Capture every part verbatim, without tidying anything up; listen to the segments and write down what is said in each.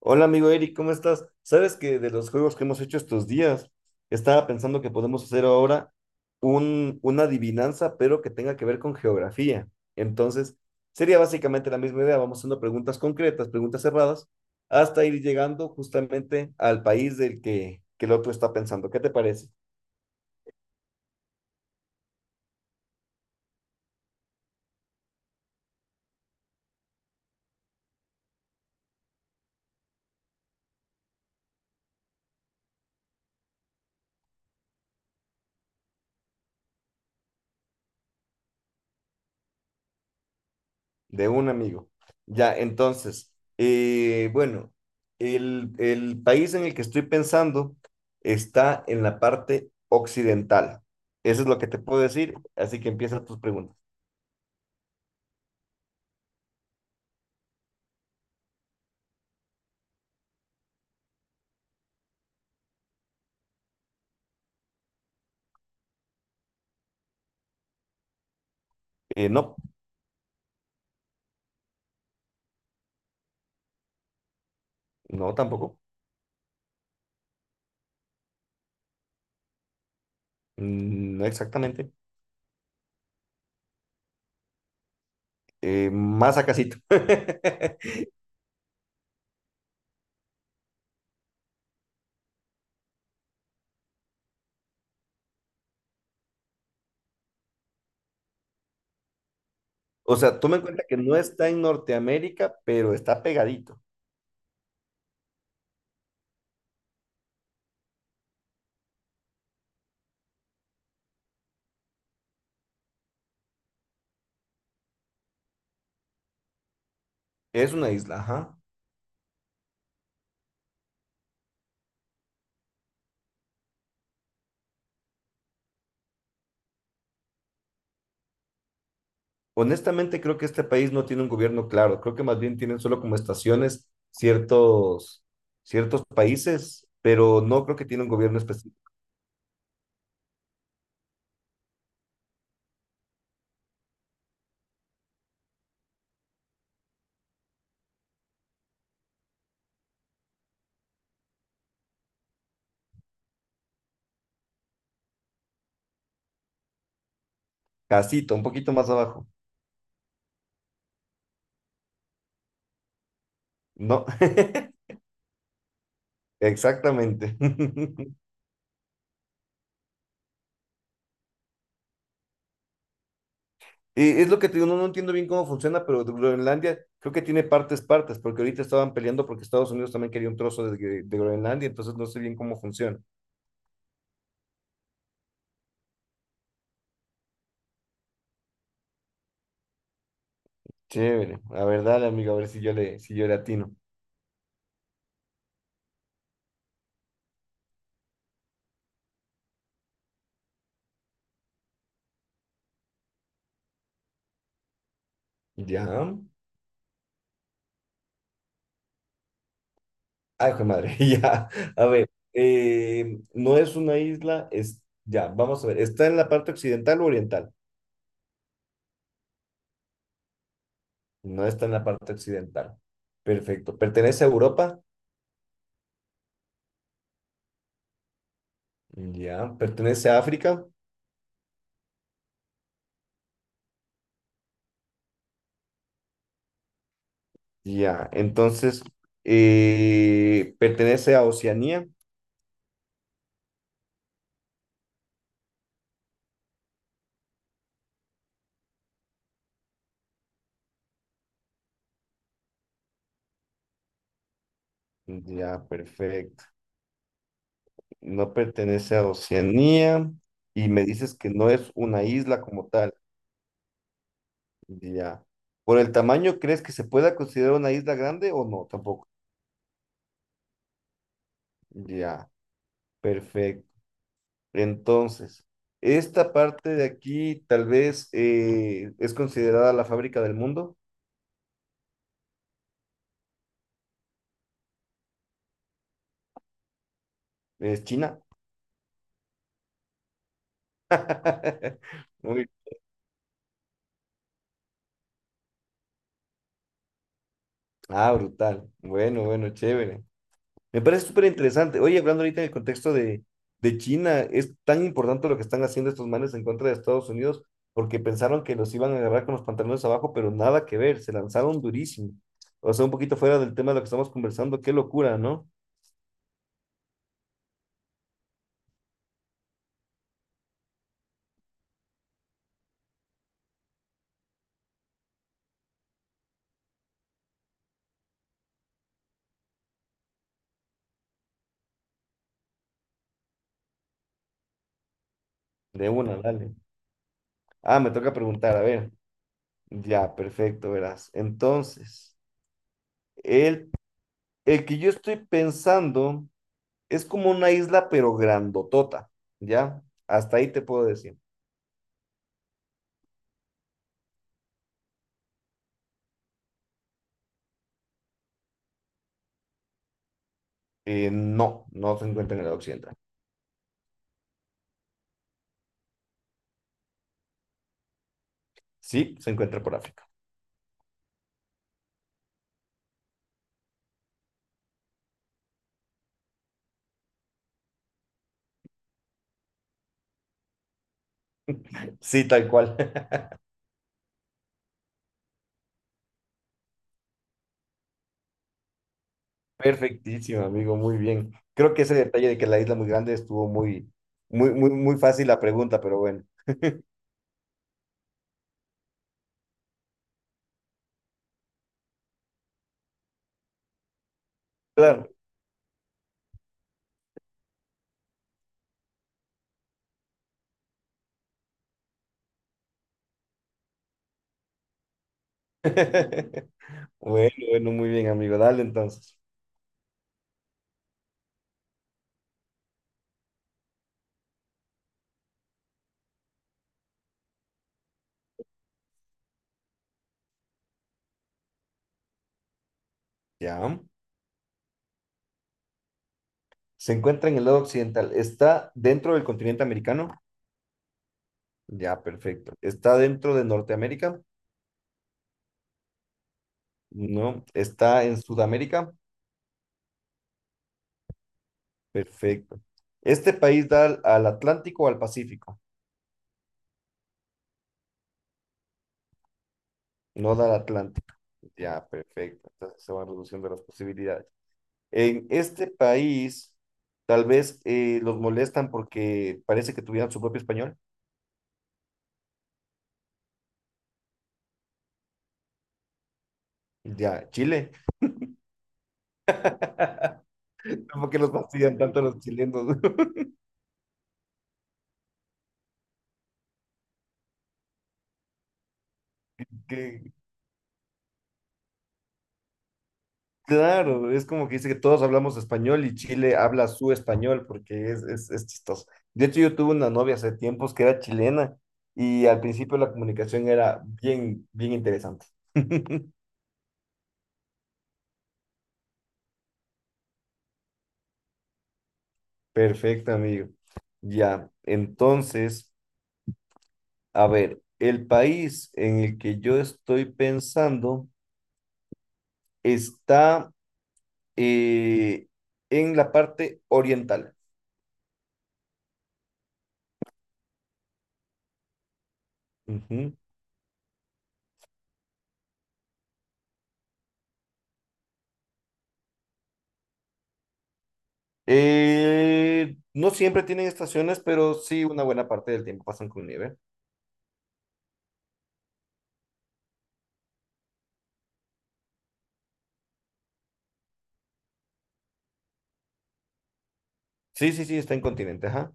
Hola amigo Eric, ¿cómo estás? Sabes que de los juegos que hemos hecho estos días, estaba pensando que podemos hacer ahora un, una adivinanza, pero que tenga que ver con geografía. Entonces, sería básicamente la misma idea. Vamos haciendo preguntas concretas, preguntas cerradas, hasta ir llegando justamente al país del que, que el otro está pensando. ¿Qué te parece? De un amigo. Ya, entonces, eh, bueno, el, el país en el que estoy pensando está en la parte occidental. Eso es lo que te puedo decir, así que empieza tus preguntas. Eh, no, no tampoco. Mm, no exactamente. Eh, más a casito. O sea, toma en cuenta que no está en Norteamérica, pero está pegadito. Es una isla, ajá. Honestamente, creo que este país no tiene un gobierno claro. Creo que más bien tienen solo como estaciones ciertos, ciertos países, pero no creo que tiene un gobierno específico. Casito, un poquito más abajo. No, exactamente. Y es lo que te digo, no, no entiendo bien cómo funciona, pero Groenlandia creo que tiene partes, partes, porque ahorita estaban peleando porque Estados Unidos también quería un trozo de, Gre- de Groenlandia, entonces no sé bien cómo funciona. Chévere. A ver, dale, amigo, a ver si yo le, si yo le atino. Ya. Ay, hijo de madre, ya. A ver, eh, no es una isla, es, ya, vamos a ver, ¿está en la parte occidental o oriental? No está en la parte occidental. Perfecto. ¿Pertenece a Europa? Ya. ¿Pertenece a África? Ya. Entonces, eh, ¿pertenece a Oceanía? Ya, perfecto. No pertenece a Oceanía y me dices que no es una isla como tal. Ya. ¿Por el tamaño crees que se pueda considerar una isla grande o no? Tampoco. Ya. Perfecto. Entonces, esta parte de aquí tal vez eh, es considerada la fábrica del mundo, es China. Muy- ah, brutal. Bueno, bueno, chévere. Me parece súper interesante. Oye, hablando ahorita en el contexto de, de China, es tan importante lo que están haciendo estos manes en contra de Estados Unidos, porque pensaron que los iban a agarrar con los pantalones abajo, pero nada que ver, se lanzaron durísimo. O sea, un poquito fuera del tema de lo que estamos conversando, qué locura, ¿no? De una, dale. Ah, me toca preguntar, a ver. Ya, perfecto, verás. Entonces, el, el que yo estoy pensando es como una isla, pero grandotota, ¿ya? Hasta ahí te puedo decir. Eh, no, no se encuentra en el occidental. Sí, se encuentra por África. Sí, tal cual. Perfectísimo, amigo, muy bien. Creo que ese detalle de que la isla muy grande estuvo muy, muy, muy, muy fácil la pregunta, pero bueno. Claro. Bueno, bueno, muy bien, amigo. Dale entonces. Ya. Se encuentra en el lado occidental. ¿Está dentro del continente americano? Ya, perfecto. ¿Está dentro de Norteamérica? No. ¿Está en Sudamérica? Perfecto. ¿Este país da al, al Atlántico o al Pacífico? No da al Atlántico. Ya, perfecto. Entonces se van reduciendo las posibilidades. En este país, tal vez eh, los molestan porque parece que tuvieran su propio español. Ya, Chile. ¿Por qué los fastidian tanto a los chilenos? Qué, claro, es como que dice que todos hablamos español y Chile habla su español porque es, es, es chistoso. De hecho, yo tuve una novia hace tiempos que era chilena y al principio la comunicación era bien, bien interesante. Perfecto, amigo. Ya, entonces, a ver, el país en el que yo estoy pensando está eh, en la parte oriental. Ujú. Eh, no siempre tienen estaciones, pero sí una buena parte del tiempo pasan con nieve. Sí, sí, sí, está en continente, ajá.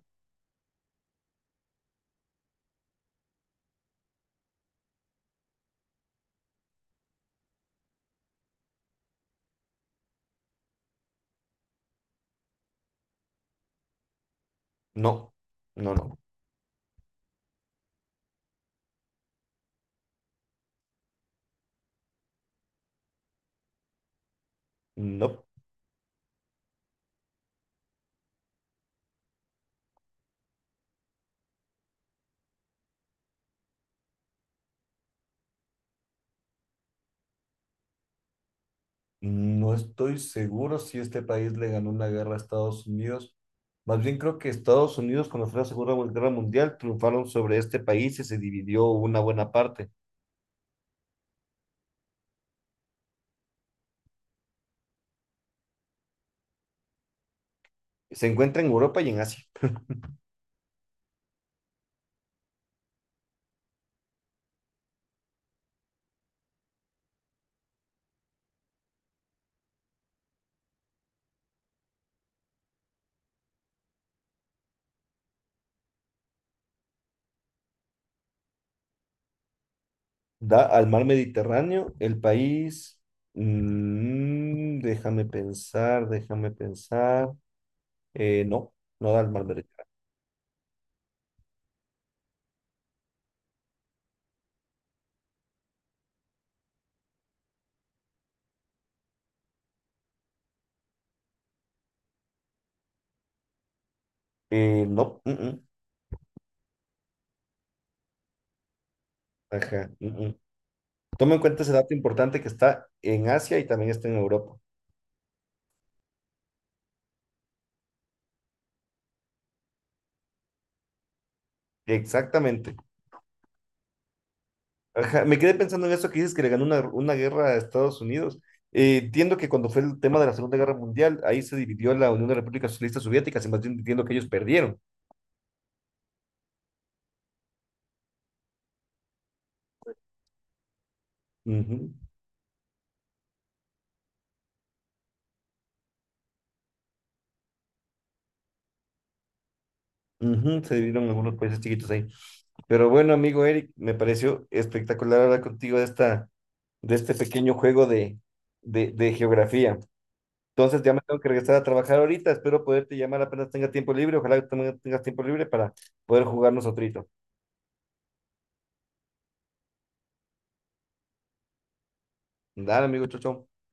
No, no, no, no. No estoy seguro si este país le ganó una guerra a Estados Unidos. Más bien creo que Estados Unidos, cuando fue la Segunda Guerra Mundial, triunfaron sobre este país y se dividió una buena parte. Se encuentra en Europa y en Asia. Da al mar Mediterráneo, el país... mm, déjame pensar, déjame pensar. Eh, no, no da el mal merechar. Eh, no, mm, mm, ajá, mm, mm. Toma en cuenta ese dato importante que está en Asia y también está en Europa. Exactamente. Ajá, me quedé pensando en eso que dices que le ganó una, una guerra a Estados Unidos. Eh, entiendo que cuando fue el tema de la Segunda Guerra Mundial, ahí se dividió la Unión de Repúblicas Socialistas Soviéticas y más bien entiendo que ellos perdieron. Ujú, ujú, se dividieron en algunos países chiquitos ahí. Pero bueno, amigo Eric, me pareció espectacular hablar contigo de esta, de este pequeño juego de, de de geografía. Entonces ya me tengo que regresar a trabajar ahorita. Espero poderte llamar apenas tenga tiempo libre. Ojalá que también tengas tiempo libre para poder jugarnos otro. Dale, amigo, chau, chau.